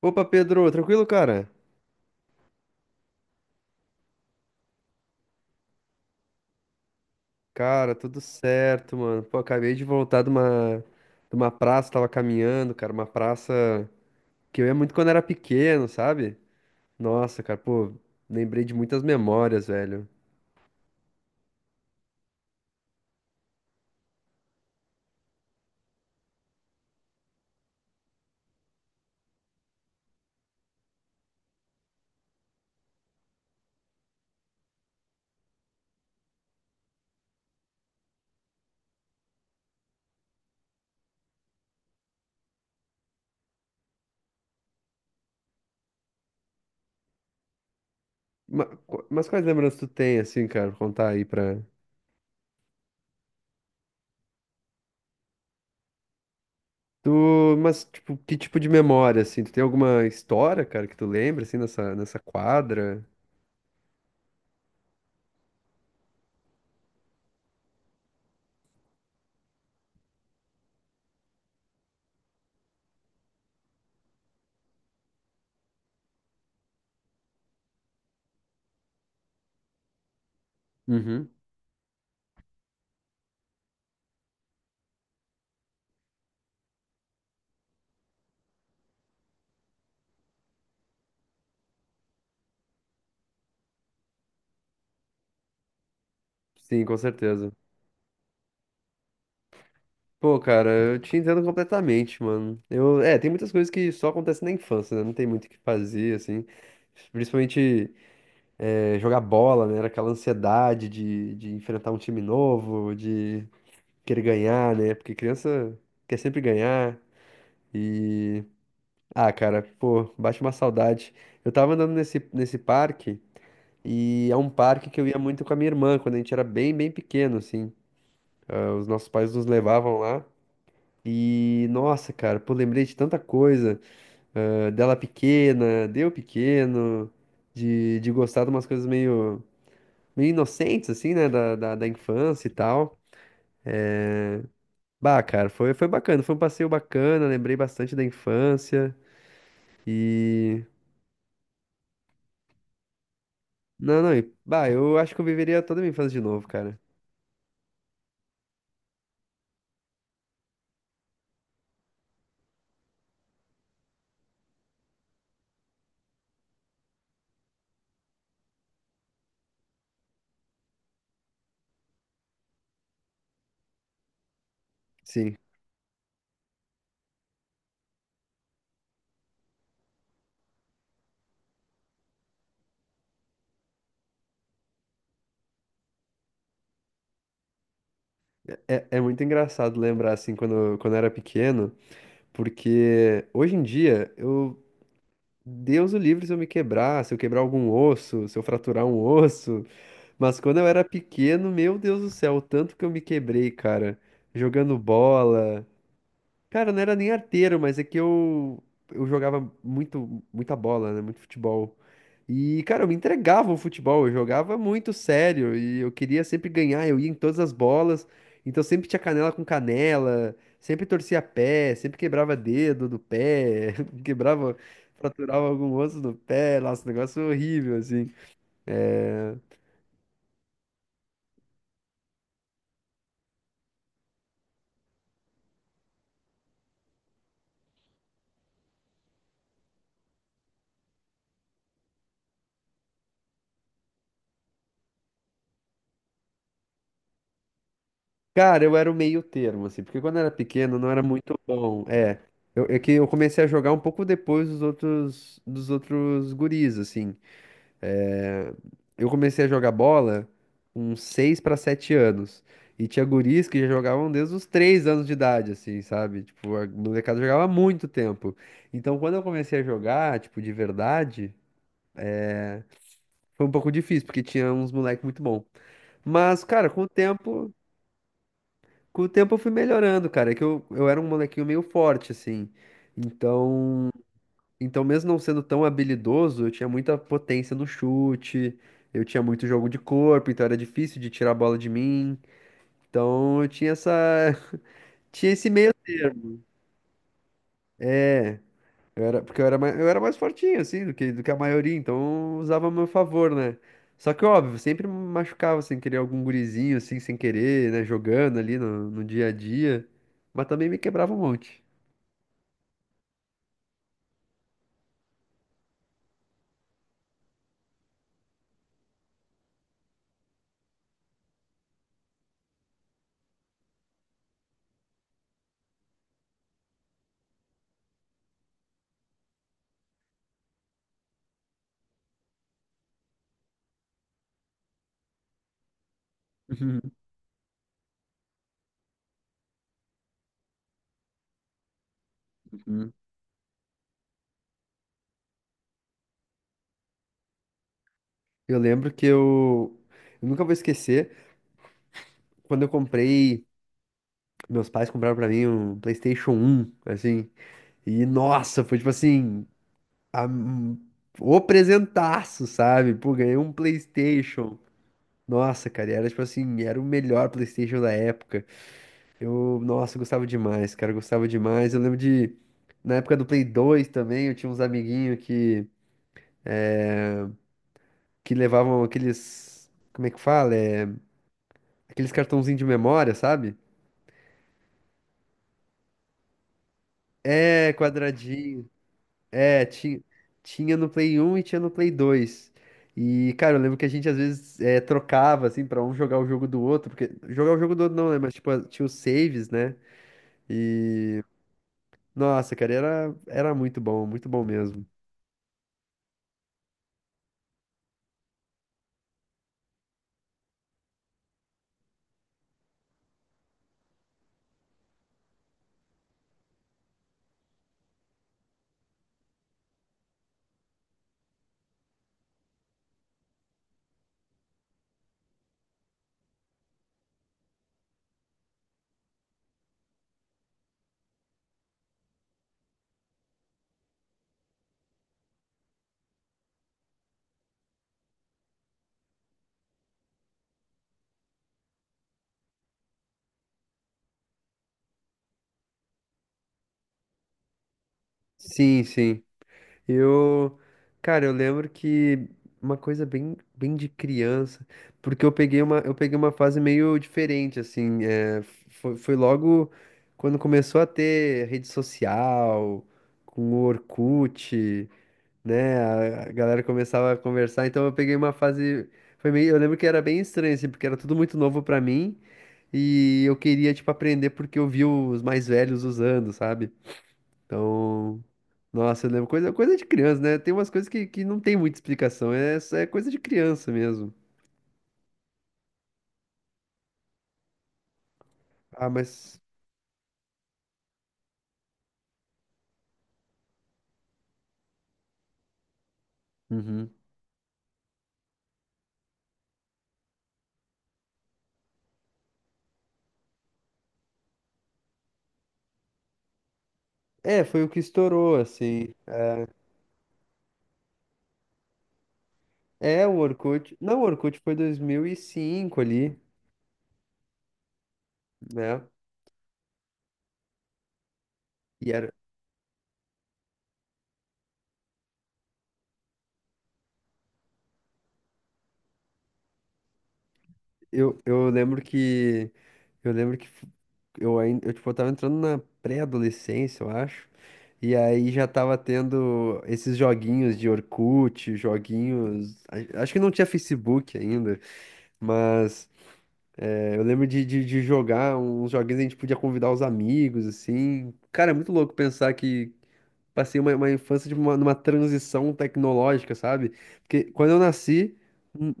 Opa, Pedro, tranquilo, cara? Cara, tudo certo, mano. Pô, acabei de voltar de uma praça, tava caminhando, cara, uma praça que eu ia muito quando era pequeno, sabe? Nossa, cara, pô, lembrei de muitas memórias, velho. Mas quais lembranças tu tem, assim, cara, contar aí pra... Tu, mas, tipo, que tipo de memória, assim? Tu tem alguma história, cara, que tu lembra, assim, nessa quadra? Uhum. Sim, com certeza. Pô, cara, eu te entendo completamente, mano. Eu, é, tem muitas coisas que só acontecem na infância, né? Não tem muito o que fazer, assim. Principalmente jogar bola, né? Era aquela ansiedade de enfrentar um time novo, de querer ganhar, né? Porque criança quer sempre ganhar. E. Ah, cara, pô, bate uma saudade. Eu tava andando nesse parque, e é um parque que eu ia muito com a minha irmã, quando a gente era bem, bem pequeno, assim. Ah, os nossos pais nos levavam lá. E nossa, cara, pô, lembrei de tanta coisa, ah, dela pequena, de eu pequeno, de gostar de umas coisas meio, meio inocentes, assim, né, da infância e tal. Bah, cara, foi, foi bacana, foi um passeio bacana, lembrei bastante da infância e. Não, não, e, bah, eu acho que eu viveria toda a minha infância de novo, cara. Sim, é, é muito engraçado lembrar, assim, quando, quando eu era pequeno, porque hoje em dia eu Deus o livre se eu me quebrar, se eu quebrar algum osso, se eu fraturar um osso. Mas quando eu era pequeno, meu Deus do céu, o tanto que eu me quebrei, cara. Jogando bola. Cara, eu não era nem arteiro, mas é que eu jogava muito, muita bola, né? Muito futebol. E, cara, eu me entregava ao futebol, eu jogava muito sério e eu queria sempre ganhar, eu ia em todas as bolas, então sempre tinha canela com canela, sempre torcia pé, sempre quebrava dedo do pé, quebrava, fraturava algum osso do pé, nossa, um negócio horrível, assim. É, cara, eu era o meio termo, assim, porque quando eu era pequeno eu não era muito bom, é. Eu, é que eu comecei a jogar um pouco depois dos outros guris, assim. É, eu comecei a jogar bola com 6 para 7 anos. E tinha guris que já jogavam desde os 3 anos de idade, assim, sabe? Tipo, a molecada jogava há muito tempo. Então, quando eu comecei a jogar, tipo, de verdade, foi um pouco difícil, porque tinha uns moleques muito bons. Mas, cara, com o tempo eu fui melhorando, cara. É que eu era um molequinho meio forte, assim. Então, Então, mesmo não sendo tão habilidoso, eu tinha muita potência no chute, eu tinha muito jogo de corpo, então era difícil de tirar a bola de mim. Então, eu tinha essa, tinha esse meio termo. É, eu era, porque eu era mais fortinho, assim, do que a maioria, então eu usava a meu favor, né? Só que, óbvio, sempre me machucava sem querer algum gurizinho, assim, sem querer, né? Jogando ali no, no dia a dia. Mas também me quebrava um monte. Uhum. Eu lembro que eu nunca vou esquecer, quando eu comprei. Meus pais compraram pra mim um PlayStation um assim. E nossa, foi tipo assim, a- um- o presentaço, sabe? Pô, ganhei um PlayStation. Nossa, cara, e era tipo assim, era o melhor PlayStation da época. Eu, nossa, eu gostava demais, cara, eu gostava demais. Eu lembro de, na época do Play 2 também, eu tinha uns amiguinhos que levavam aqueles, como é que fala? É, aqueles cartãozinhos de memória, sabe? É, quadradinho. É, ti- Tinha no Play um e tinha no Play dois. E, cara, eu lembro que a gente às vezes é, trocava, assim, pra um jogar o jogo do outro, porque jogar o jogo do outro não, né? Mas, tipo, tinha os saves, né? E, nossa, cara, era, era muito bom mesmo. Sim, sim. Eu, cara, eu lembro que uma coisa bem, bem de criança, porque eu peguei uma fase meio diferente, assim, é, foi, foi logo quando começou a ter rede social, com o Orkut, né, a galera começava a conversar, então eu peguei uma fase, foi meio, eu lembro que era bem estranho, assim, porque era tudo muito novo pra mim, e eu queria, tipo, aprender porque eu vi os mais velhos usando, sabe? Então, nossa, eu lembro, coisa, coisa de criança, né? Tem umas coisas que não tem muita explicação, é, é coisa de criança mesmo. Ah, mas. Uhum. É, foi o que estourou, assim. É, o Orkut. Não, o Orkut foi 2005 ali, né? E era. Eu lembro que. Eu lembro que f- eu ainda. Eu, tipo, Eu tava entrando na pré-adolescência, eu acho. E aí já tava tendo esses joguinhos de Orkut, joguinhos. Acho que não tinha Facebook ainda. Mas é, eu lembro de jogar uns joguinhos, a gente podia convidar os amigos, assim. Cara, é muito louco pensar que passei uma infância de numa transição tecnológica, sabe? Porque quando eu nasci, hum,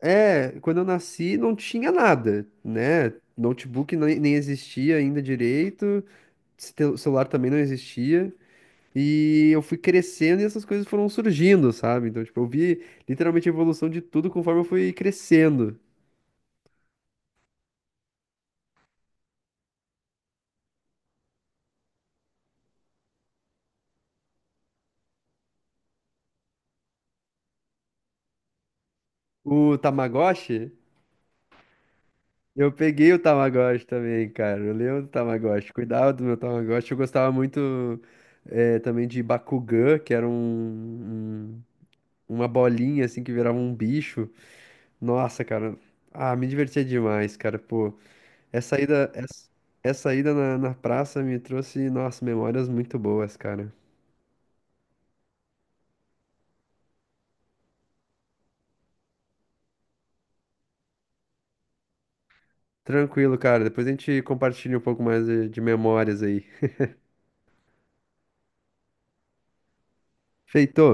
é, quando eu nasci não tinha nada, né? Notebook nem, nem existia ainda direito, celular também não existia. E eu fui crescendo e essas coisas foram surgindo, sabe? Então, tipo, eu vi literalmente a evolução de tudo conforme eu fui crescendo. O Tamagotchi. Eu peguei o Tamagotchi também, cara. Eu lembro do Tamagotchi. Cuidava do meu Tamagotchi. Eu gostava muito também de Bakugan, que era uma bolinha assim que virava um bicho. Nossa, cara. Ah, me divertia demais, cara. Pô, essa, essa ida na, na praça me trouxe, nossa, memórias muito boas, cara. Tranquilo, cara. Depois a gente compartilha um pouco mais de memórias aí. Feito!